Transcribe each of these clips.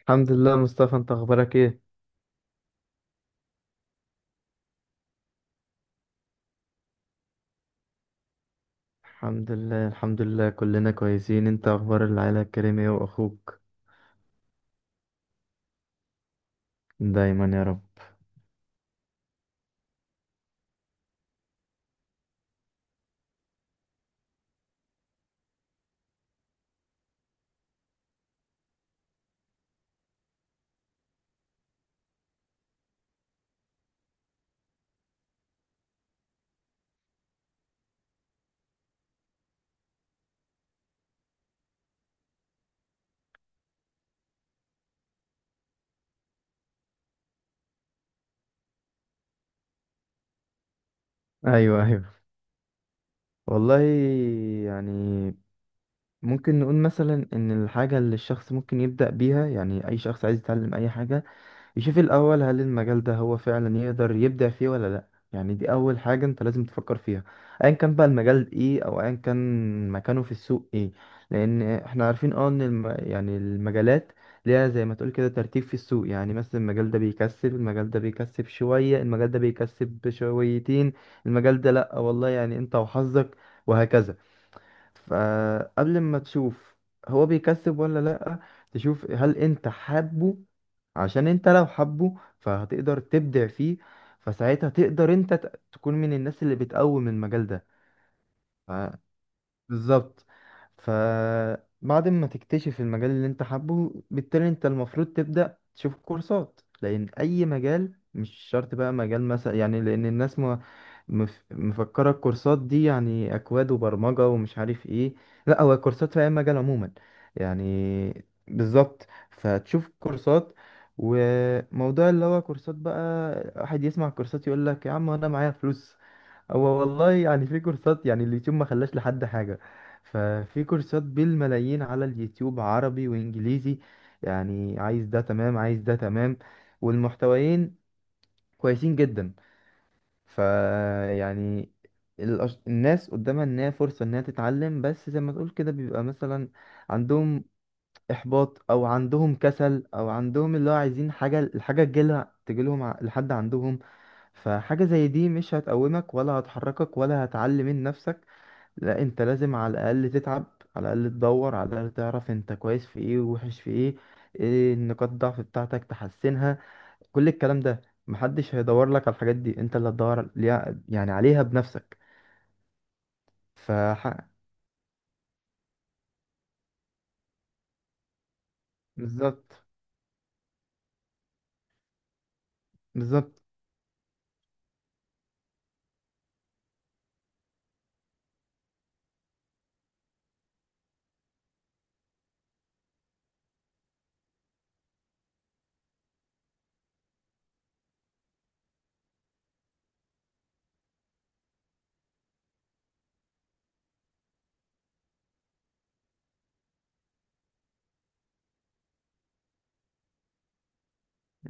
الحمد لله، مصطفى. انت اخبارك ايه؟ الحمد لله الحمد لله، كلنا كويسين. انت اخبار العيلة الكريمة ايه واخوك؟ دايما يا رب. ايوه ايوه، والله يعني ممكن نقول مثلا ان الحاجة اللي الشخص ممكن يبدأ بيها. يعني اي شخص عايز يتعلم اي حاجة، يشوف الأول هل المجال ده هو فعلا يقدر يبدع فيه ولا لأ. يعني دي أول حاجة أنت لازم تفكر فيها، أيا كان بقى المجال إيه أو أيا كان مكانه في السوق إيه. لأن إحنا عارفين أه إن المجالات ليها زي ما تقول كده ترتيب في السوق. يعني مثلا المجال ده بيكسب، المجال ده بيكسب شوية، المجال ده بيكسب شويتين، المجال ده لأ والله يعني أنت وحظك، وهكذا. فقبل ما تشوف هو بيكسب ولا لأ، تشوف هل انت حابه، عشان انت لو حابه فهتقدر تبدع فيه. فساعتها تقدر انت تكون من الناس اللي بتقوم المجال ده. بالظبط. فبعد ما تكتشف المجال اللي انت حابه، بالتالي انت المفروض تبدأ تشوف كورسات، لأن أي مجال مش شرط بقى مجال مثلا يعني. لأن الناس ما مفكرة الكورسات دي يعني أكواد وبرمجة ومش عارف ايه. لا، هو كورسات في أي مجال عموما، يعني بالظبط. فتشوف كورسات. وموضوع اللي هو كورسات بقى، واحد يسمع كورسات يقول لك يا عم انا معايا فلوس. هو والله يعني في كورسات، يعني اليوتيوب ما خلاش لحد حاجة. ففي كورسات بالملايين على اليوتيوب، عربي وإنجليزي. يعني عايز ده تمام، عايز ده تمام، والمحتويين كويسين جدا. ف يعني الناس قدامها إنها فرصة إنها تتعلم، بس زي ما تقول كده بيبقى مثلا عندهم إحباط أو عندهم كسل أو عندهم اللي هو عايزين حاجة، الحاجة تجيلها لحد عندهم. فحاجة زي دي مش هتقومك ولا هتحركك ولا هتعلي من نفسك. لا، انت لازم على الاقل تتعب، على الاقل تدور، على الاقل تعرف انت كويس في ايه ووحش في ايه، ايه النقاط الضعف بتاعتك تحسنها. كل الكلام ده محدش هيدور لك على الحاجات دي، انت اللي هتدور عليها بنفسك. ف بالظبط. بالظبط.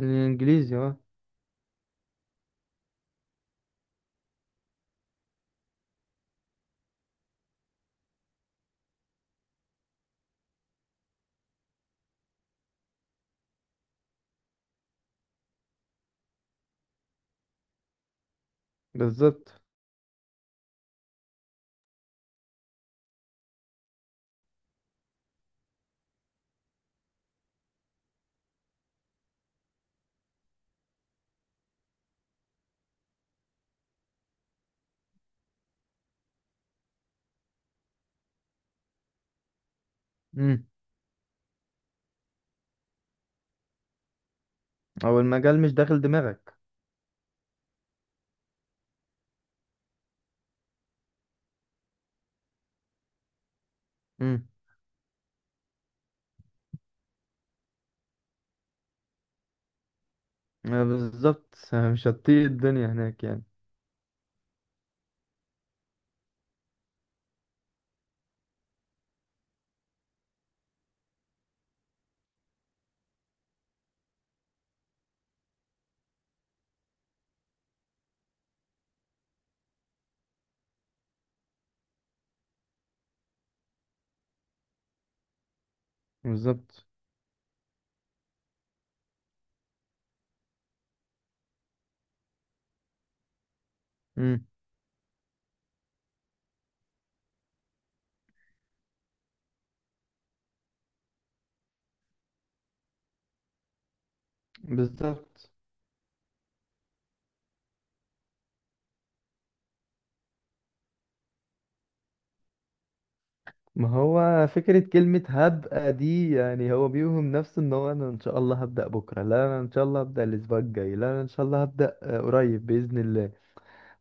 الانجليزي اه. بالظبط. امم او المجال مش داخل دماغك. امم، اه، بالظبط. مش هتطيق الدنيا هناك يعني بالظبط. امم، بالظبط. ما هو فكرة كلمة هبقى دي، يعني هو بيوهم نفسه ان هو، انا ان شاء الله هبدأ بكرة، لا انا ان شاء الله هبدأ الاسبوع الجاي، لا انا ان شاء الله هبدأ قريب بإذن الله.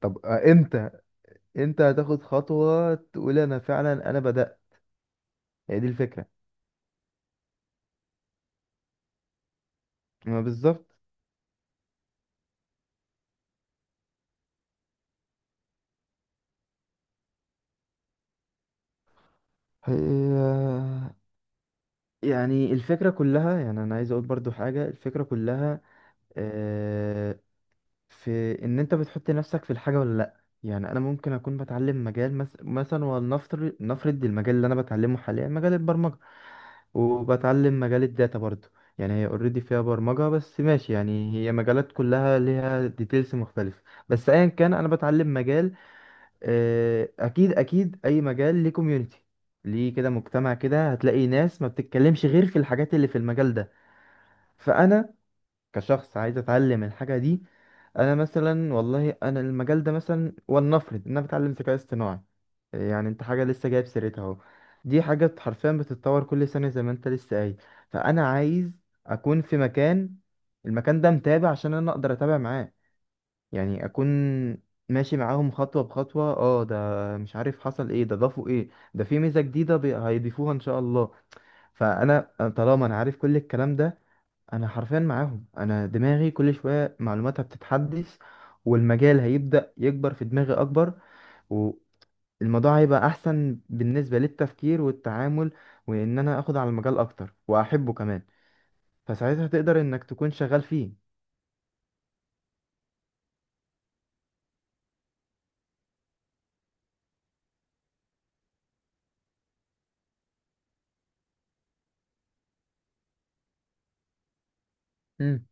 طب امتى هتاخد خطوة تقول انا فعلا انا بدأت؟ هي دي الفكرة. ما بالظبط. هي يعني الفكرة كلها، يعني انا عايز اقول برضو حاجة. الفكرة كلها في ان انت بتحط نفسك في الحاجه ولا لا. يعني انا ممكن اكون بتعلم مجال مثلا، ولنفرض المجال اللي انا بتعلمه حاليا مجال البرمجه، وبتعلم مجال الداتا برضو. يعني هي اوريدي فيها برمجه بس ماشي، يعني هي مجالات كلها ليها ديتيلز مختلفه. بس ايا كان انا بتعلم مجال، اكيد اكيد اي مجال ليه كوميونتي، ليه كده مجتمع كده، هتلاقي ناس ما بتتكلمش غير في الحاجات اللي في المجال ده. فانا كشخص عايز اتعلم الحاجه دي، انا مثلا والله انا المجال ده مثلا، ولنفرض ان انا بتعلم ذكاء اصطناعي. يعني انت حاجه لسه جايب سيرتها اهو، دي حاجه حرفيا بتتطور كل سنه زي ما انت لسه قايل. فانا عايز اكون في مكان، المكان ده متابع عشان انا اقدر اتابع معاه. يعني اكون ماشي معاهم خطوه بخطوه، اه ده مش عارف حصل ايه، ده ضافوا ايه، ده في ميزه جديده هيضيفوها ان شاء الله. فانا طالما انا عارف كل الكلام ده، انا حرفيا معاهم، انا دماغي كل شويه معلوماتها بتتحدث، والمجال هيبدا يكبر في دماغي اكبر، والموضوع هيبقى احسن بالنسبه للتفكير والتعامل، وان انا اخد على المجال اكتر واحبه كمان. فساعتها تقدر انك تكون شغال فيه. امم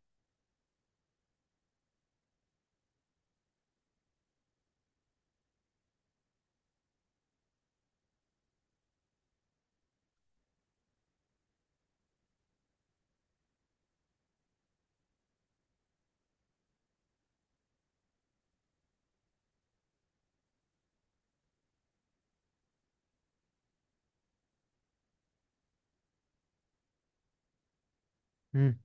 امم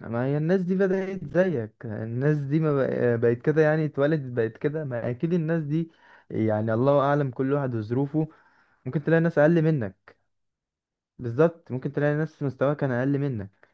ما هي الناس دي بدأت زيك، الناس دي ما بق- بقت كده يعني، اتولدت بقت كده؟ ما اكيد الناس دي يعني الله اعلم، كل واحد وظروفه. ممكن تلاقي ناس اقل منك. بالظبط، ممكن تلاقي ناس مستواها كان اقل منك.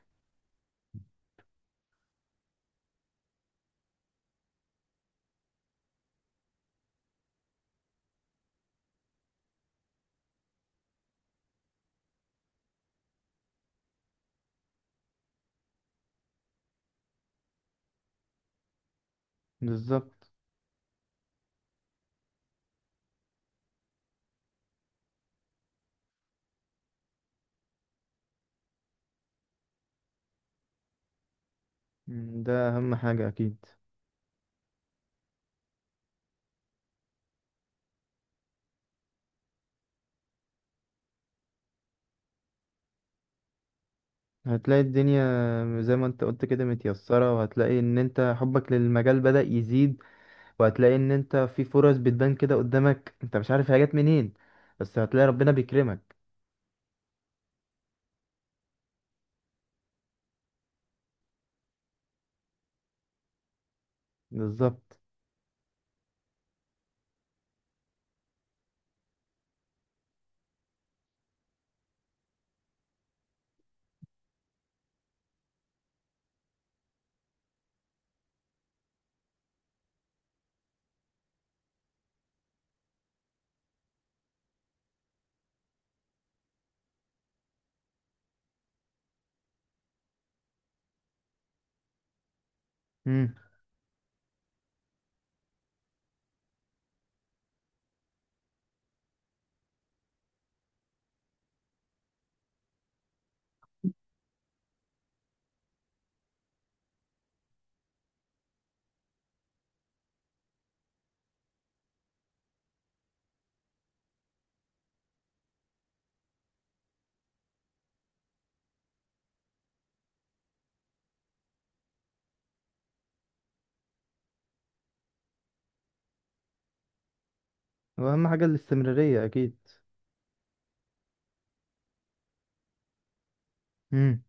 بالظبط. مم، ده اهم حاجة اكيد. هتلاقي الدنيا زي ما انت قلت كده متيسرة، وهتلاقي ان انت حبك للمجال بدأ يزيد، وهتلاقي ان انت في فرص بتبان كده قدامك انت مش عارف هي جت منين، بس هتلاقي ربنا بيكرمك. بالظبط. مم. واهم حاجة الاستمرارية اكيد. مم.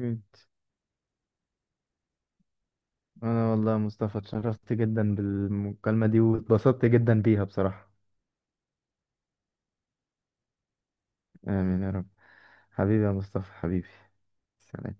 اكيد. انا والله يا مصطفى اتشرفت جدا بالمكالمة دي واتبسطت جدا بيها بصراحة. امين يا رب. حبيبي يا مصطفى، حبيبي. سلام.